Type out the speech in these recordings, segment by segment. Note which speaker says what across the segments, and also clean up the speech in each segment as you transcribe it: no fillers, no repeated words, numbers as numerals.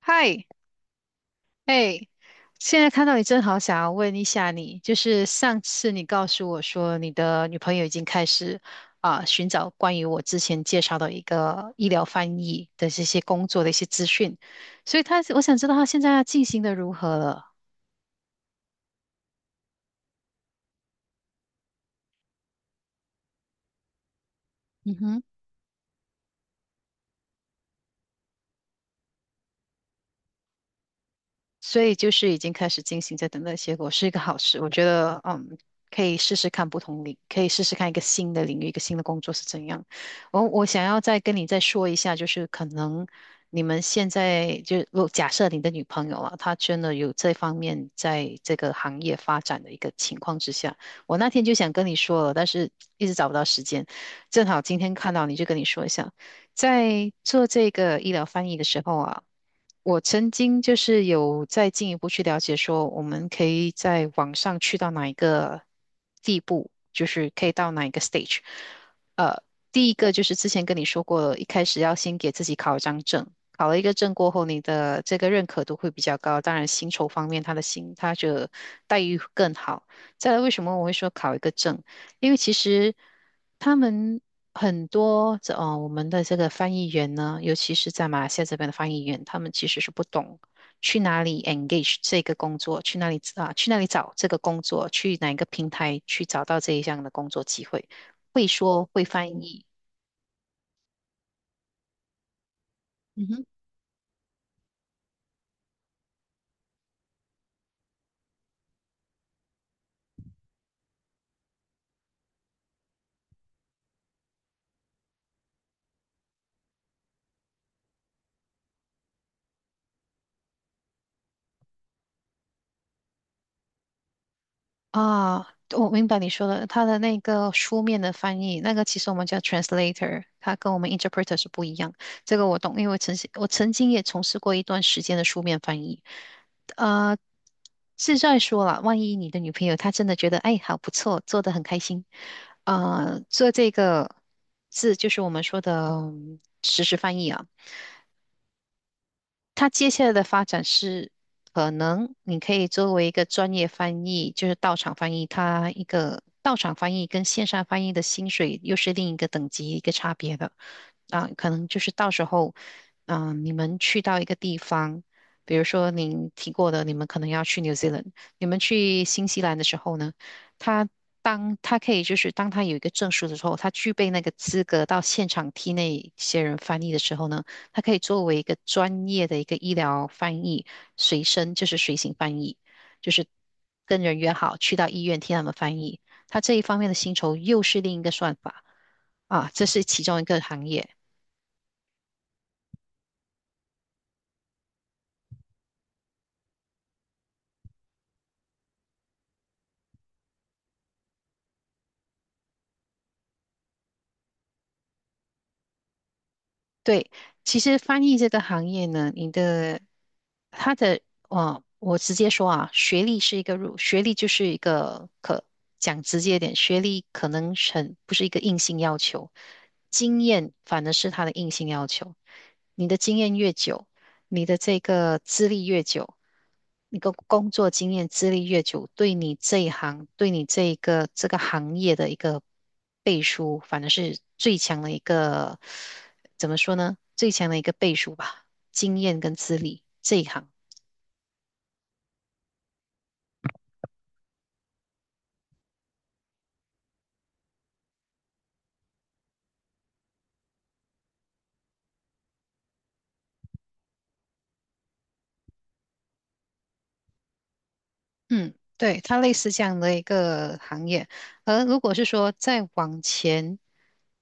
Speaker 1: 嗨，哎，现在看到你，真好。想要问一下你，就是上次你告诉我说你的女朋友已经开始寻找关于我之前介绍的一个医疗翻译的这些工作的一些资讯，所以我想知道她现在进行的如何了。嗯所以就是已经开始进行，在等待结果，是一个好事。我觉得，可以试试看不同领，可以试试看一个新的领域，一个新的工作是怎样。我想要再跟你再说一下，就是可能你们现在就如果假设你的女朋友啊，她真的有这方面在这个行业发展的一个情况之下，我那天就想跟你说了，但是一直找不到时间，正好今天看到你就跟你说一下，在做这个医疗翻译的时候啊。我曾经就是有再进一步去了解，说我们可以在网上去到哪一个地步，就是可以到哪一个 stage。呃，第一个就是之前跟你说过，一开始要先给自己考一张证，考了一个证过后，你的这个认可度会比较高。当然，薪酬方面，他的待遇更好。再来，为什么我会说考一个证？因为其实他们很多这哦，我们的这个翻译员呢，尤其是在马来西亚这边的翻译员，他们其实是不懂去哪里 engage 这个工作，去哪里找这个工作，去哪一个平台去找到这一项的工作机会，会说会翻译。嗯哼。啊，我明白你说的，它的那个书面的翻译，那个其实我们叫 translator，它跟我们 interpreter 是不一样。这个我懂，因为我曾经也从事过一段时间的书面翻译。呃，是在说了，万一你的女朋友她真的觉得，哎，好不错，做得很开心，做这个就是我们说的实时翻译啊。它接下来的发展是，可能你可以作为一个专业翻译，就是到场翻译，它一个到场翻译跟线上翻译的薪水又是另一个等级一个差别的啊，可能就是到时候，你们去到一个地方，比如说您提过的，你们可能要去 New Zealand，你们去新西兰的时候呢，他当他可以就是当他有一个证书的时候，他具备那个资格到现场替那些人翻译的时候呢。它可以作为一个专业的一个医疗翻译，随身就是随行翻译，就是跟人约好去到医院听他们翻译。他这一方面的薪酬又是另一个算法啊，这是其中一个行业。对，其实翻译这个行业呢，你的他的哦，我直接说啊，学历是一个入，学历就是一个可讲直接一点，学历可能是不是一个硬性要求，经验反而是他的硬性要求。你的经验越久，你的这个资历越久，你的工作经验资历越久，对你这一行，对你这一个这个行业的一个背书，反而是最强的一个。怎么说呢？最强的一个倍数吧，经验跟资历这一行。嗯，对，它类似这样的一个行业。而如果是说再往前、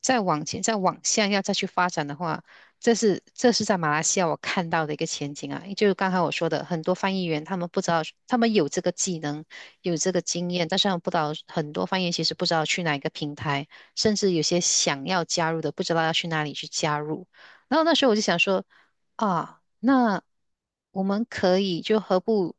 Speaker 1: 再往前、再往下要再去发展的话，这是在马来西亚我看到的一个前景啊。就是刚才我说的，很多翻译员他们不知道，他们有这个技能，有这个经验，但是他们不知道很多翻译员其实不知道去哪一个平台，甚至有些想要加入的不知道要去哪里去加入。然后那时候我就想说，啊，那我们可以就何不，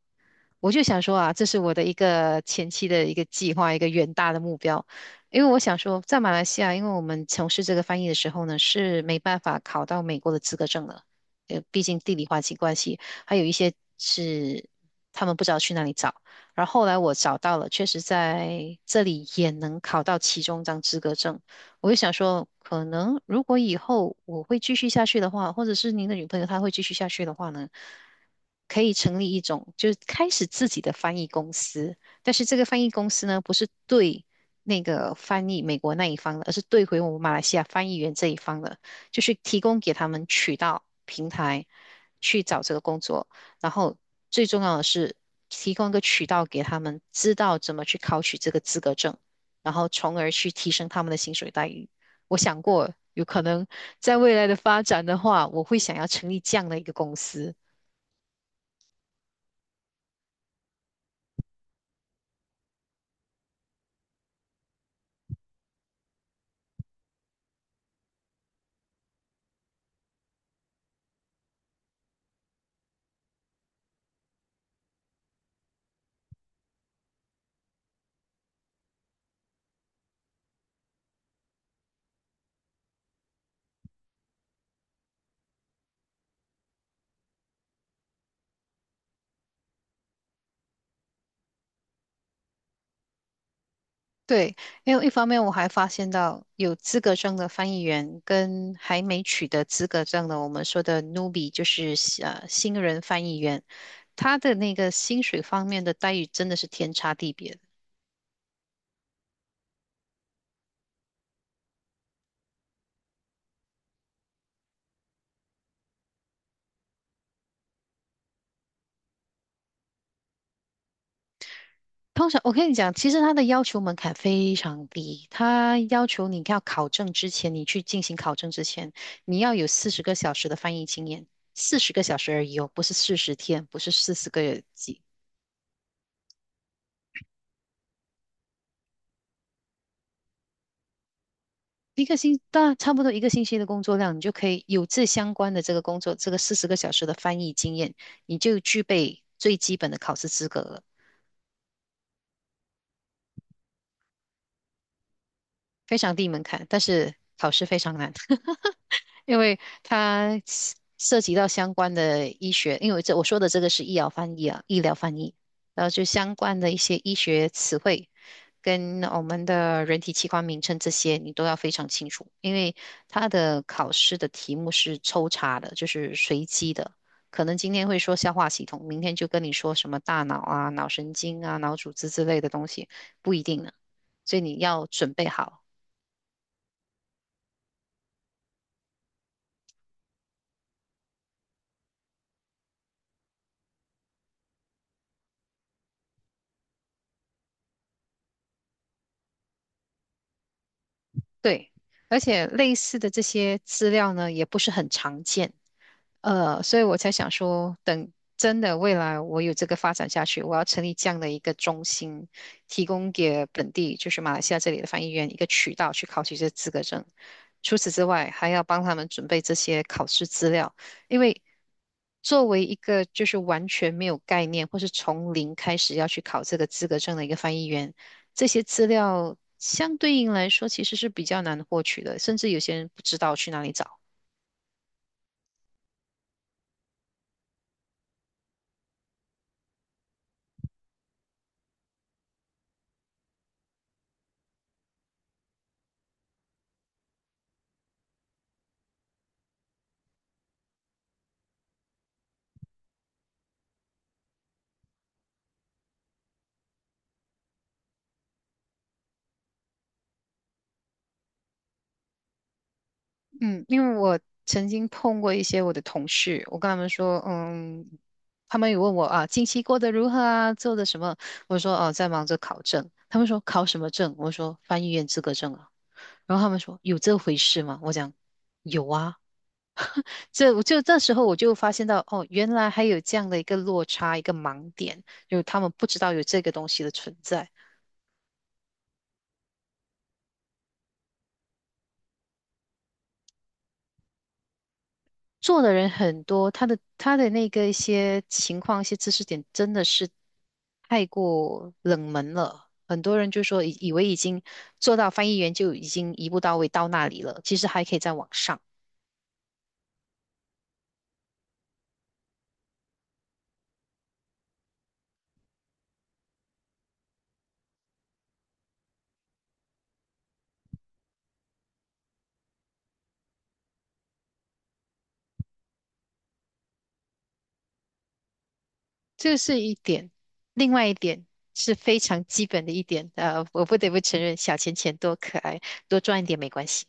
Speaker 1: 我就想说啊，这是我的一个前期的一个计划，一个远大的目标。因为我想说，在马来西亚，因为我们从事这个翻译的时候呢，是没办法考到美国的资格证的，毕竟地理环境关系，还有一些是他们不知道去哪里找。然后后来我找到了，确实在这里也能考到其中一张资格证。我就想说，可能如果以后我会继续下去的话，或者是您的女朋友她会继续下去的话呢，可以成立一种就是开始自己的翻译公司，但是这个翻译公司呢，不是对那个翻译美国那一方的，而是对回我们马来西亚翻译员这一方的，就是提供给他们渠道平台去找这个工作，然后最重要的是提供一个渠道给他们，知道怎么去考取这个资格证。然后从而去提升他们的薪水待遇。我想过，有可能在未来的发展的话，我会想要成立这样的一个公司。对，因为一方面我还发现到有资格证的翻译员跟还没取得资格证的，我们说的 n e b i e 就是新人翻译员，他的那个薪水方面的待遇真的是天差地别。通常我跟你讲，其实他的要求门槛非常低，他要求你要考证之前，你去进行考证之前，你要有四十个小时的翻译经验，四十个小时而已哦，不是40天，不是40个月几，一个星，大差不多一个星期的工作量，你就可以有这相关的这个工作，这个四十个小时的翻译经验，你就具备最基本的考试资格了，非常低门槛，但是考试非常难。因为它涉及到相关的医学，因为这我说的这个是医疗翻译啊，医疗翻译，然后就相关的一些医学词汇跟我们的人体器官名称这些，你都要非常清楚，因为它的考试的题目是抽查的，就是随机的。可能今天会说消化系统，明天就跟你说什么大脑啊、脑神经啊、脑组织之类的东西，不一定呢。所以你要准备好。对，而且类似的这些资料呢，也不是很常见，所以我才想说，等真的未来我有这个发展下去，我要成立这样的一个中心，提供给本地就是马来西亚这里的翻译员一个渠道去考取这资格证。除此之外，还要帮他们准备这些考试资料，因为作为一个就是完全没有概念或是从零开始要去考这个资格证的一个翻译员。这些资料相对应来说其实是比较难获取的，甚至有些人不知道去哪里找。嗯，因为我曾经碰过一些我的同事，我跟他们说，他们有问我啊，近期过得如何啊，做的什么？我说哦，在忙着考证。他们说考什么证？我说翻译员资格证啊。然后他们说有这回事吗？我讲有啊。这我就那时候我就发现到，哦，原来还有这样的一个落差，一个盲点，就是他们不知道有这个东西的存在。做的人很多，他的那个一些情况、一些知识点真的是太过冷门了。很多人就说以为已经做到翻译员就已经一步到位到那里了，其实还可以再往上。这是一点，另外一点是非常基本的一点，我不得不承认，小钱钱多可爱，多赚一点没关系。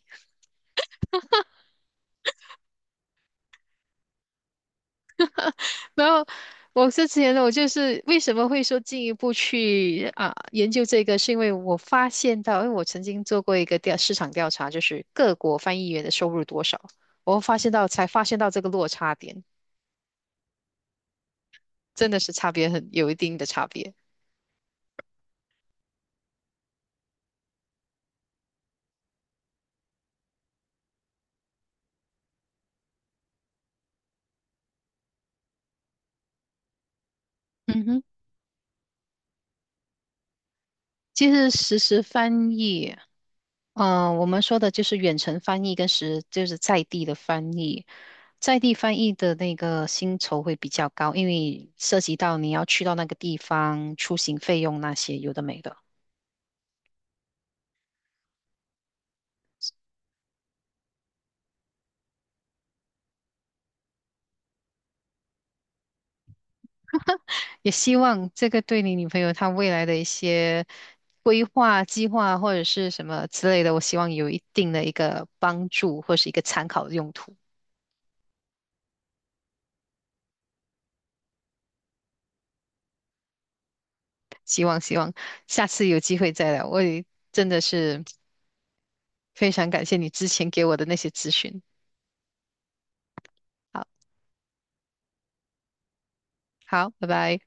Speaker 1: 然后我之前呢，我就是为什么会说进一步去啊研究这个，是因为我发现到，因为我曾经做过一个市场调查，就是各国翻译员的收入多少，我发现到才发现到这个落差点，真的是差别很有一定的差别。嗯哼。就是实时翻译，我们说的就是远程翻译跟就是在地的翻译，在地翻译的那个薪酬会比较高，因为涉及到你要去到那个地方，出行费用那些有的没的。也希望这个对你女朋友她未来的一些规划、计划或者是什么之类的，我希望有一定的一个帮助或是一个参考的用途。希望下次有机会再聊，我也真的是。非常感谢你之前给我的那些咨询。好，好，拜拜。